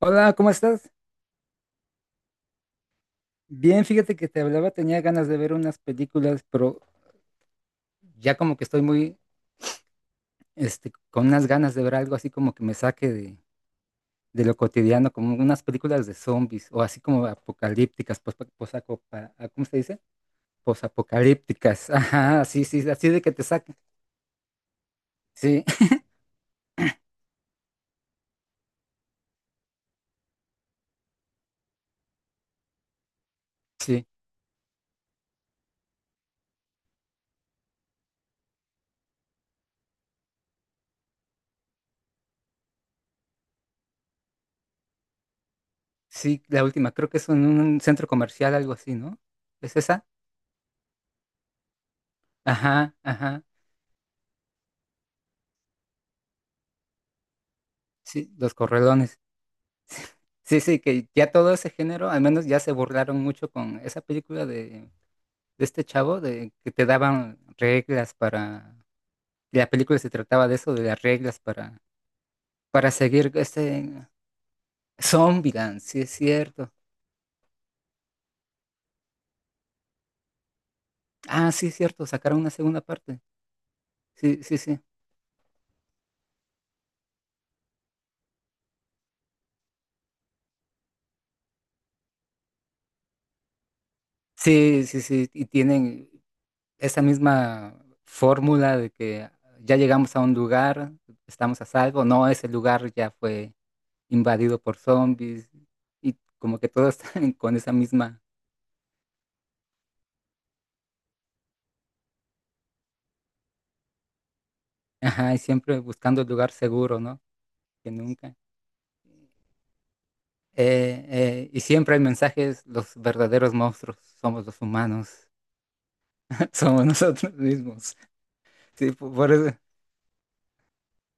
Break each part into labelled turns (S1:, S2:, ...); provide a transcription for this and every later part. S1: Hola, ¿cómo estás? Bien, fíjate que te hablaba, tenía ganas de ver unas películas, pero ya como que estoy muy, este, con unas ganas de ver algo así como que me saque de lo cotidiano, como unas películas de zombies o así como apocalípticas, pos, posaco- pa- ah, ¿cómo se dice? Posapocalípticas, ajá, sí, sí, así de que te saque. Sí, sí, sí, la última, creo que es en un centro comercial, algo así, ¿no? ¿Es esa? Ajá, ajá, sí, Los Correlones. Sí, sí, que ya todo ese género, al menos ya se burlaron mucho con esa película de este chavo, de que te daban reglas para, la película se trataba de eso, de las reglas para seguir este Zombieland, sí es cierto. Ah, sí es cierto, sacaron una segunda parte. Sí, sí, sí. Sí, sí, sí, y tienen esa misma fórmula de que ya llegamos a un lugar, estamos a salvo, no, ese lugar ya fue invadido por zombies y como que todos están con esa misma, ajá, y siempre buscando el lugar seguro, ¿no? Que nunca. Y siempre el mensaje es, los verdaderos monstruos somos los humanos, somos nosotros mismos. Sí, por eso,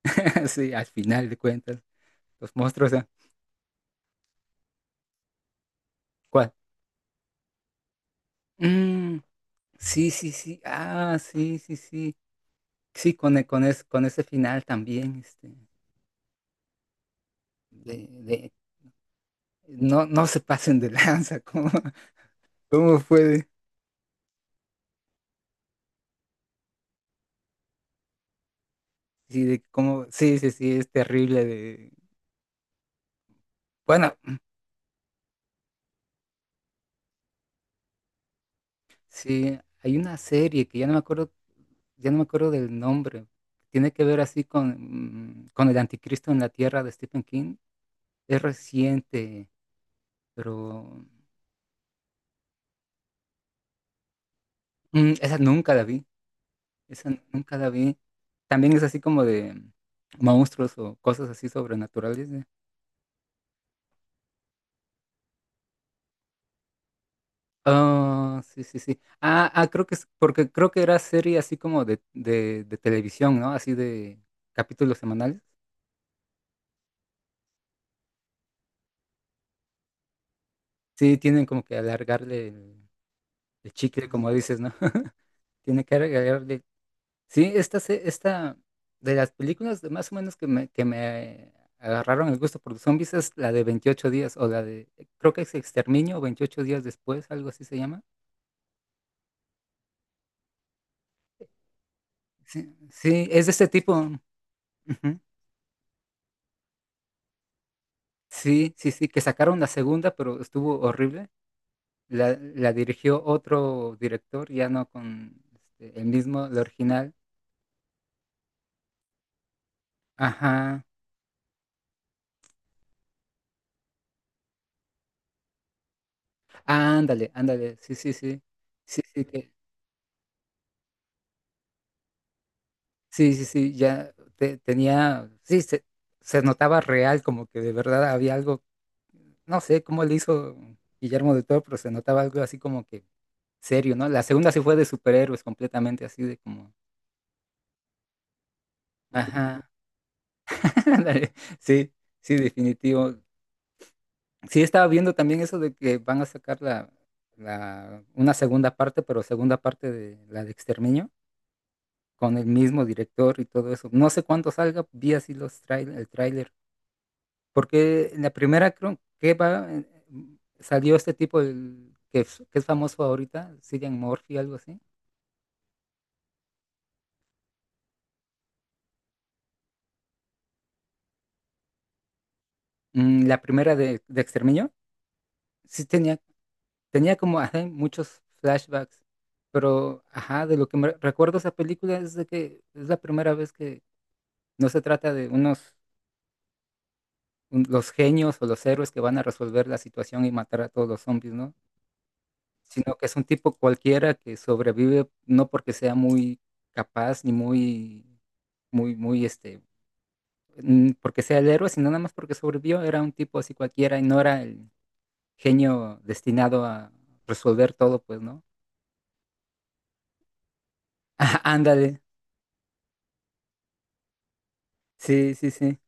S1: sí, al final de cuentas, los monstruos, ¿cuál? Mm, sí, sí, sí, ah, sí, sí, sí. Sí, con, e- con, es- con ese final también, este, de, de- no, no se pasen de lanza, ¿Cómo fue? Sí, de cómo, sí, sí, sí, es terrible de... Bueno, sí, hay una serie que ya no me acuerdo, ya no me acuerdo del nombre. Tiene que ver así con el anticristo en la tierra de Stephen King. Es reciente, pero esa nunca la vi. Esa nunca la vi. También es así como de monstruos o cosas así sobrenaturales. ¿Eh? Ah, sí, sí, sí. Ah, ah, creo que es, porque creo que era serie así como de televisión, ¿no? Así de capítulos semanales. Sí, tienen como que alargarle el, chicle, como dices, ¿no? Tiene que alargarle. Sí, esta de las películas de más o menos que me agarraron el gusto por los zombies es la de 28 días o la de, creo que es Exterminio o 28 días después, algo así se llama. Sí, sí, es de este tipo. Ujú. Sí, sí, sí, que sacaron la segunda, pero estuvo horrible. La dirigió otro director, ya no con este, el mismo, el original. Ajá. Ándale, ándale, sí, sí, sí, sí, sí, que, sí, sí, sí, ya tenía, sí, se notaba real, como que de verdad había algo, no sé cómo le hizo Guillermo del Toro, pero se notaba algo así como que serio, ¿no? La segunda sí fue de superhéroes completamente, así de como, ajá, ándale, sí, sí, definitivo. Sí, estaba viendo también eso de que van a sacar la, una segunda parte, pero segunda parte de la de Exterminio. Con el mismo director y todo eso. No sé cuándo salga, vi así el tráiler, porque en la primera creo que va, salió este tipo que es famoso ahorita, Cillian Murphy, algo así. La primera de Exterminio, sí tenía como ajá, muchos flashbacks, pero ajá, de lo que me recuerdo esa película es de que es la primera vez que no se trata de los genios o los héroes que van a resolver la situación y matar a todos los zombies, ¿no? Sino que es un tipo cualquiera que sobrevive no porque sea muy capaz ni muy, muy, muy, este, porque sea el héroe, sino nada más porque sobrevivió, era un tipo así cualquiera y no era el genio destinado a resolver todo, pues, ¿no? Ah, ándale, sí, sí, sí.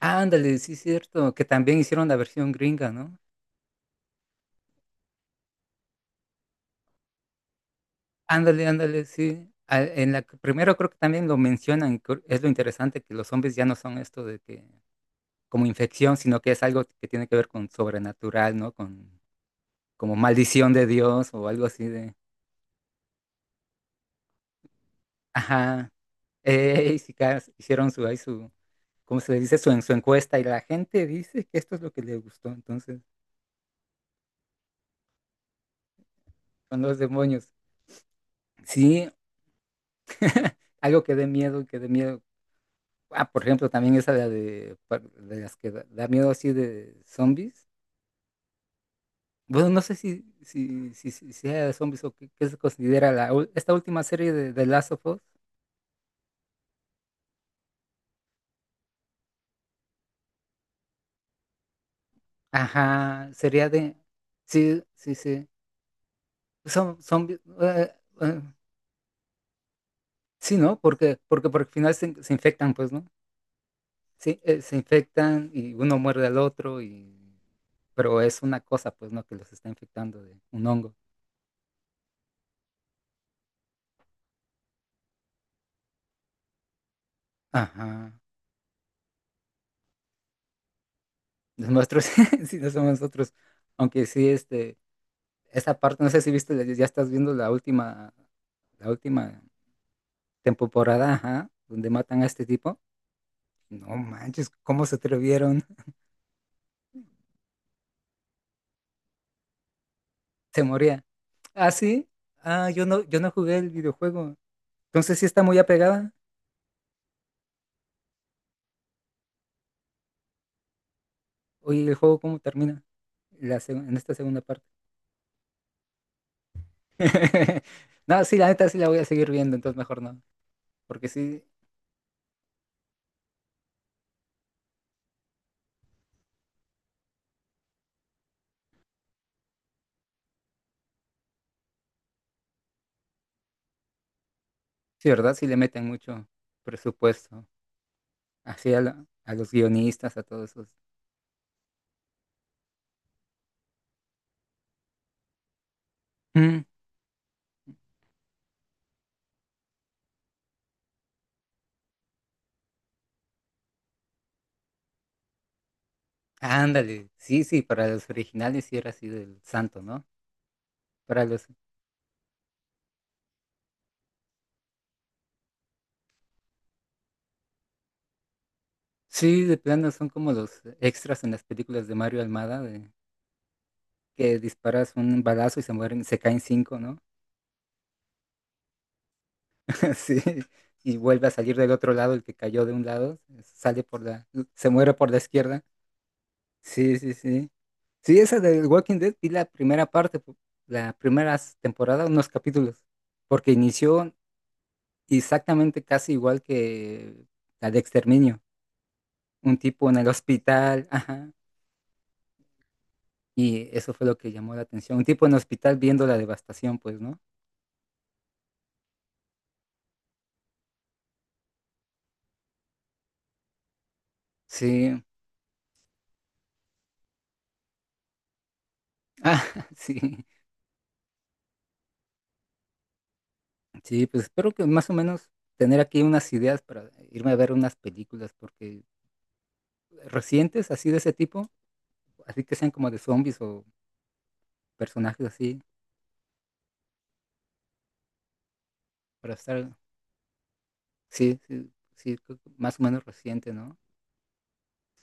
S1: Ándale, sí, cierto, que también hicieron la versión gringa, ¿no? Ándale, ándale, sí. En la primero creo que también lo mencionan, es lo interesante que los zombies ya no son esto de que como infección, sino que es algo que tiene que ver con sobrenatural, ¿no? Con como maldición de Dios o algo así de... Ajá. Y si ca- hicieron su, ¿cómo se le dice? Su encuesta y la gente dice que esto es lo que le gustó, entonces son los demonios. Sí, algo que dé miedo, que dé miedo. Ah, por ejemplo, también esa de las que da miedo así de zombies. Bueno, no sé si sea de zombies o qué se considera la, esta última serie de Last of Us. Ajá, sería de... Sí, sí, sí. Son... eh, sí, ¿no? Porque al final se infectan, pues, ¿no? Sí, se infectan y uno muerde al otro y... Pero es una cosa, pues, ¿no? Que los está infectando de un hongo. Ajá. Los nuestros, sí, no somos nosotros. Aunque sí, este... Esa parte, no sé si viste, ya estás viendo la última... La última temporada, ajá, donde matan a este tipo. No manches, ¿cómo se atrevieron? Se moría. Ah, sí. Ah, yo no jugué el videojuego. Entonces sí está muy apegada. Oye, ¿el juego cómo termina? En esta segunda parte. No, sí, la neta sí la voy a seguir viendo, entonces mejor no. Porque sí, sí, ¿verdad? Sí le meten mucho presupuesto. Así a los guionistas, a todos esos. Mm, ándale. Sí, sí, para los originales sí era así del santo, ¿no? Para los... Sí, de plano son como los extras en las películas de Mario Almada, de que disparas un balazo y se mueren, se caen cinco, ¿no? Sí, y vuelve a salir del otro lado, el que cayó de un lado, sale por la, se muere por la izquierda. Sí, sí, sí. Sí, esa del Walking Dead vi la primera parte, la primera temporada, unos capítulos, porque inició exactamente casi igual que la de Exterminio. Un tipo en el hospital, ajá, y eso fue lo que llamó la atención. Un tipo en el hospital viendo la devastación, pues, ¿no? Sí, ah, sí. Sí, pues espero que más o menos tener aquí unas ideas para irme a ver unas películas, porque recientes, así de ese tipo, así que sean como de zombies o personajes así, para estar, sí, sí, sí, creo que más o menos reciente, ¿no?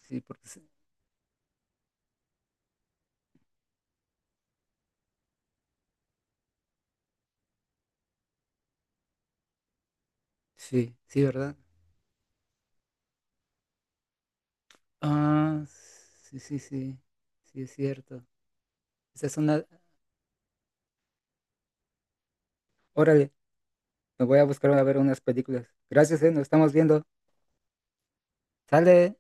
S1: Sí, porque sí, sí, sí, ¿verdad? Ah, sí, sí, sí, sí, es cierto. Esa es una, órale, me voy a buscar a ver unas películas. Gracias, nos estamos viendo. Sale.